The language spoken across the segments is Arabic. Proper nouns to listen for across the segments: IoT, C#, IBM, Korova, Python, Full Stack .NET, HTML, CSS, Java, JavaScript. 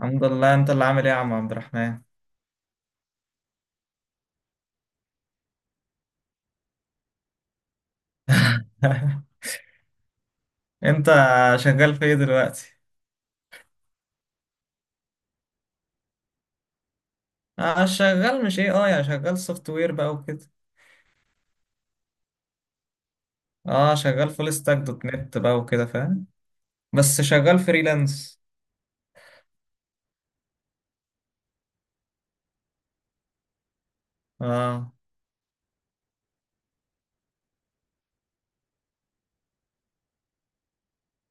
الحمد لله. انت اللي عامل ايه يا عم عبد الرحمن؟ انت شغال في ايه دلوقتي؟ اه، شغال مش ايه، يا شغال سوفت وير بقى وكده. اه، شغال فول ستاك دوت نت بقى وكده فاهم، بس شغال فريلانس. اه.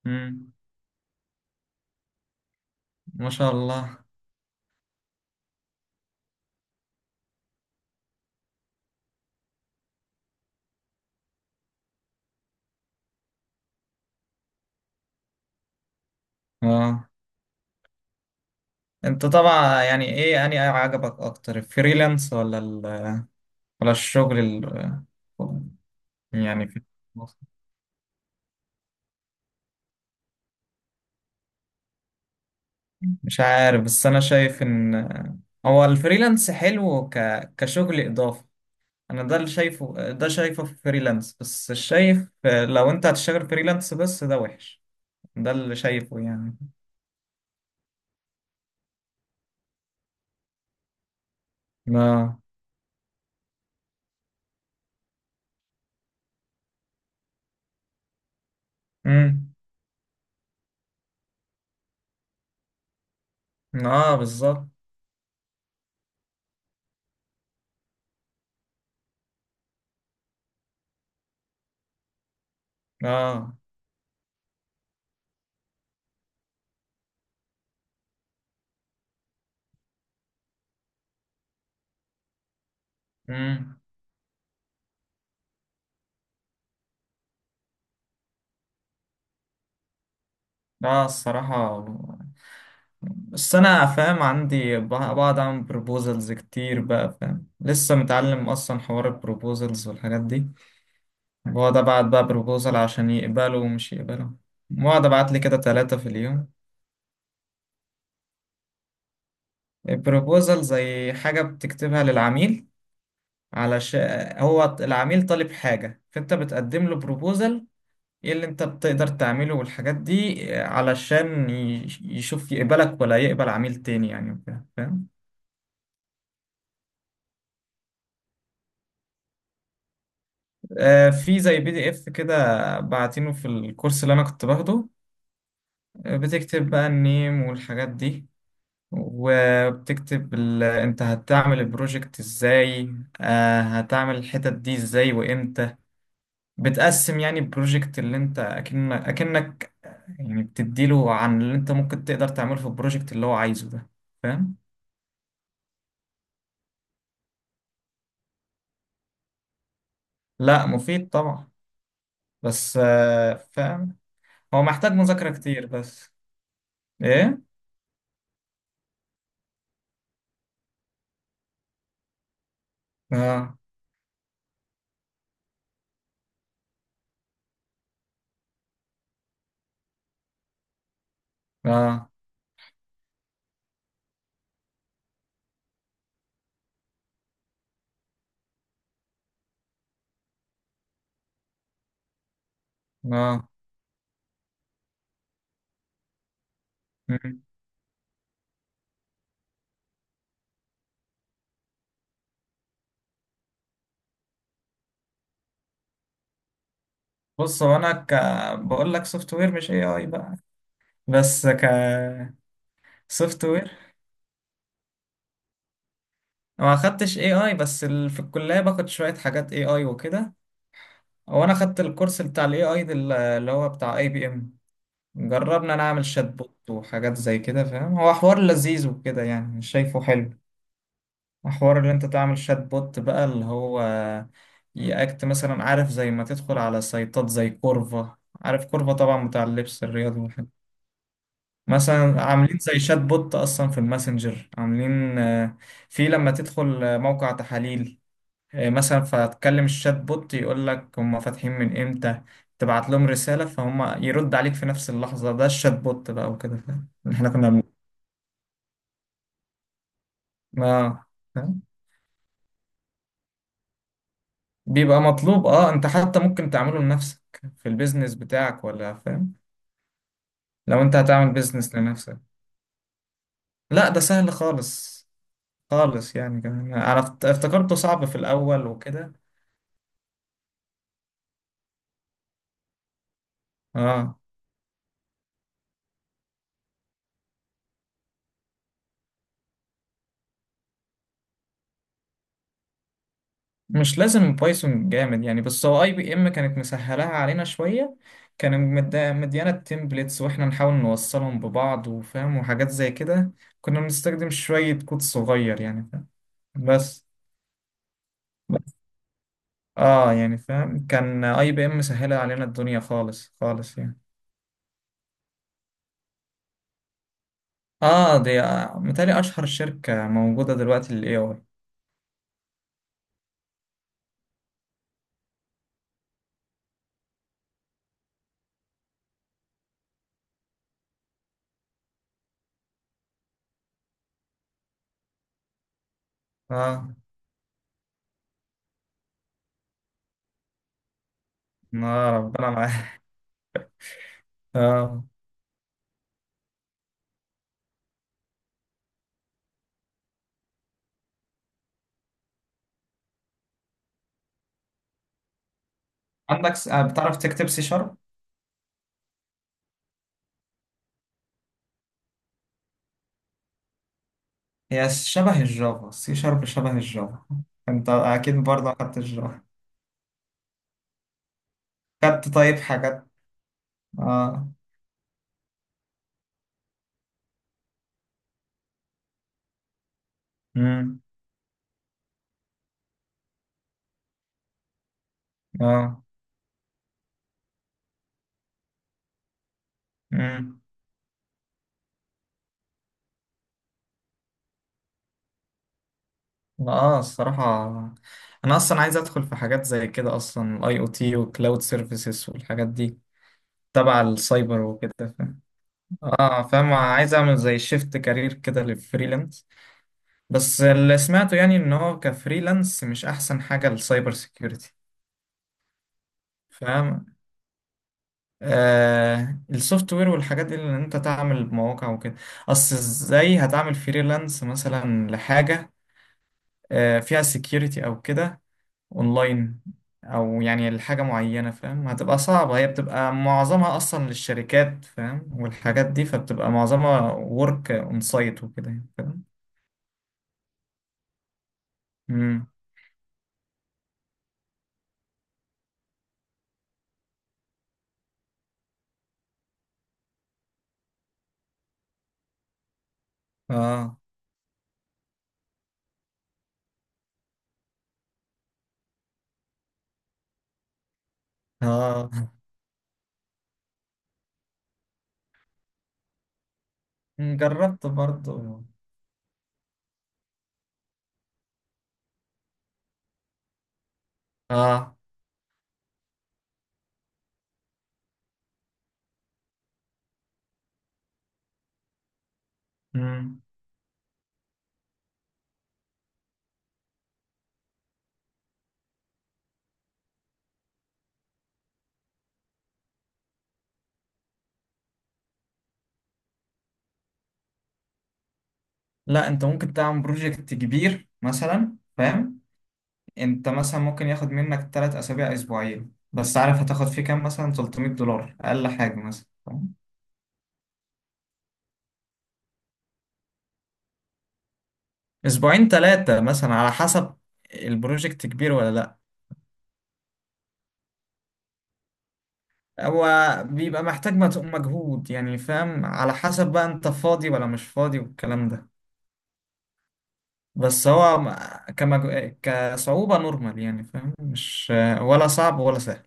امم. ما شاء الله. اه، انت طبعا، يعني ايه اني عجبك اكتر، الفريلانس ولا ولا الشغل يعني في مصر؟ مش عارف، بس انا شايف ان هو الفريلانس حلو كشغل اضافي. انا ده اللي شايفه، ده شايفه في فريلانس بس، شايف لو انت هتشتغل فريلانس بس ده وحش. ده اللي شايفه يعني. اه. امم. اه، بالظبط. اه. امم. اه، الصراحة بس انا فاهم، عندي بقعد اعمل بروبوزلز كتير بقى فاهم، لسه متعلم اصلا حوار البروبوزلز والحاجات دي. بقعد ابعت بقى بروبوزل عشان يقبلوا ومش يقبلوا، بقعد ابعت لي كده ثلاثة في اليوم. البروبوزل زي حاجة بتكتبها للعميل، علشان هو العميل طالب حاجة فانت بتقدم له بروبوزل ايه اللي انت بتقدر تعمله والحاجات دي، علشان يشوف يقبلك ولا يقبل عميل تاني يعني وكده فاهم. آه، في زي بي دي اف كده بعتينه في الكورس اللي انا كنت باخده. بتكتب بقى النيم والحاجات دي، وبتكتب انت هتعمل البروجكت ازاي، آه هتعمل الحتت دي ازاي وامتى. بتقسم يعني البروجكت اللي انت اكنك يعني، بتديله عن اللي انت ممكن تقدر تعمله في البروجكت اللي هو عايزه ده، فاهم. لا، مفيد طبعا، بس فاهم، هو محتاج مذاكرة كتير بس. ايه. اه. اه. اه. مم. بص هو انا بقول لك سوفت وير مش اي اي بقى، بس سوفت وير، ما خدتش اي اي، بس في الكلية باخد شوية حاجات اي اي وكده، وانا خدت الكورس بتاع الاي اي اللي هو بتاع اي بي ام. جربنا نعمل شات بوت وحاجات زي كده فاهم، هو حوار لذيذ وكده يعني، مش شايفه حلو. حوار اللي انت تعمل شات بوت بقى اللي هو يأكت مثلا، عارف زي ما تدخل على سايتات زي كورفا، عارف كورفا طبعا بتاع اللبس الرياضي والحاجات دي. مثلا عاملين زي شات بوت اصلا في الماسنجر، عاملين في لما تدخل موقع تحاليل مثلا، فتكلم الشات بوت يقول لك هم فاتحين من امتى، تبعت لهم رسالة فهم يرد عليك في نفس اللحظة. ده الشات بوت بقى وكده فاهم، اللي احنا كنا اه، فاهم؟ بيبقى مطلوب اه، انت حتى ممكن تعمله لنفسك في البيزنس بتاعك ولا فاهم. لو انت هتعمل بيزنس لنفسك، لا، ده سهل خالص خالص يعني، كمان انا افتكرته صعب في الاول وكده. اه، مش لازم بايثون جامد يعني، بس هو اي بي ام كانت مسهلاها علينا شويه، كان مديانا التمبلتس، واحنا نحاول نوصلهم ببعض وفاهم وحاجات زي كده. كنا بنستخدم شويه كود صغير يعني فاهم بس. اه، يعني فاهم، كان اي بي ام مسهله علينا الدنيا خالص خالص يعني. اه، دي متهيألي اشهر شركه موجوده دلوقتي للاي اي. اه. آه، ربنا معاك. اه، عندك بتعرف تكتب سي شارب؟ هي شبه الجافا، سي شارب شبه الجافا، انت اكيد برضه اخدت الجافا. خدت طيب حاجات. اه. امم. اه. امم. اه، الصراحة انا اصلا عايز ادخل في حاجات زي كده اصلا، الاي او تي وكلاود سيرفيسز والحاجات دي تبع السايبر وكده فاهم. اه فاهم، عايز اعمل زي شيفت كارير كده للفريلانس، بس اللي سمعته يعني ان هو كفريلانس مش احسن حاجة للسايبر سيكيورتي فاهم. آه السوفت وير والحاجات دي اللي انت تعمل مواقع وكده، اصل ازاي هتعمل فريلانس مثلا لحاجة فيها سكيورتي او كده اونلاين، او يعني لحاجة معينة فاهم هتبقى صعبة، هي بتبقى معظمها اصلا للشركات فاهم والحاجات دي، فبتبقى معظمها ورك اون سايت وكده يعني، فاهم. امم. اه. اه، جربت برضو. اه. امم. لا، انت ممكن تعمل بروجكت كبير مثلا فاهم، انت مثلا ممكن ياخد منك 3 اسابيع اسبوعين، بس عارف هتاخد فيه كام؟ مثلا 300 دولار اقل حاجه مثلا، فاهم؟ اسبوعين تلاتة مثلا على حسب البروجكت كبير ولا لا. هو بيبقى محتاج مجهود يعني فاهم، على حسب بقى انت فاضي ولا مش فاضي والكلام ده. بس هو كمج... كصعوبة نورمال يعني فاهم، مش ولا صعب ولا سهل.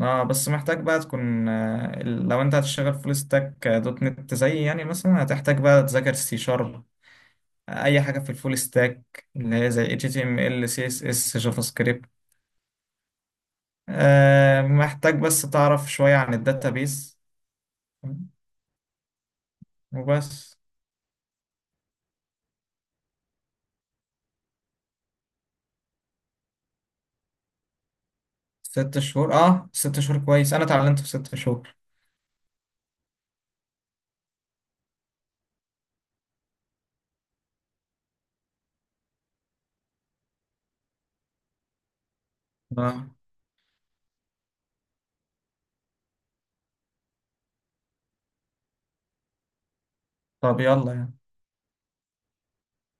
اه، بس محتاج بقى تكون، لو انت هتشتغل فول ستاك دوت نت زي يعني مثلا، هتحتاج بقى تذاكر سي شارب، اي حاجه في الفول ستاك اللي هي زي HTML CSS جافا سكريبت، محتاج بس تعرف شويه عن الداتابيس وبس. 6 شهور، اه، 6 شهور كويس، انا اتعلمت في 6 شهور. آه. طب يلا يعني.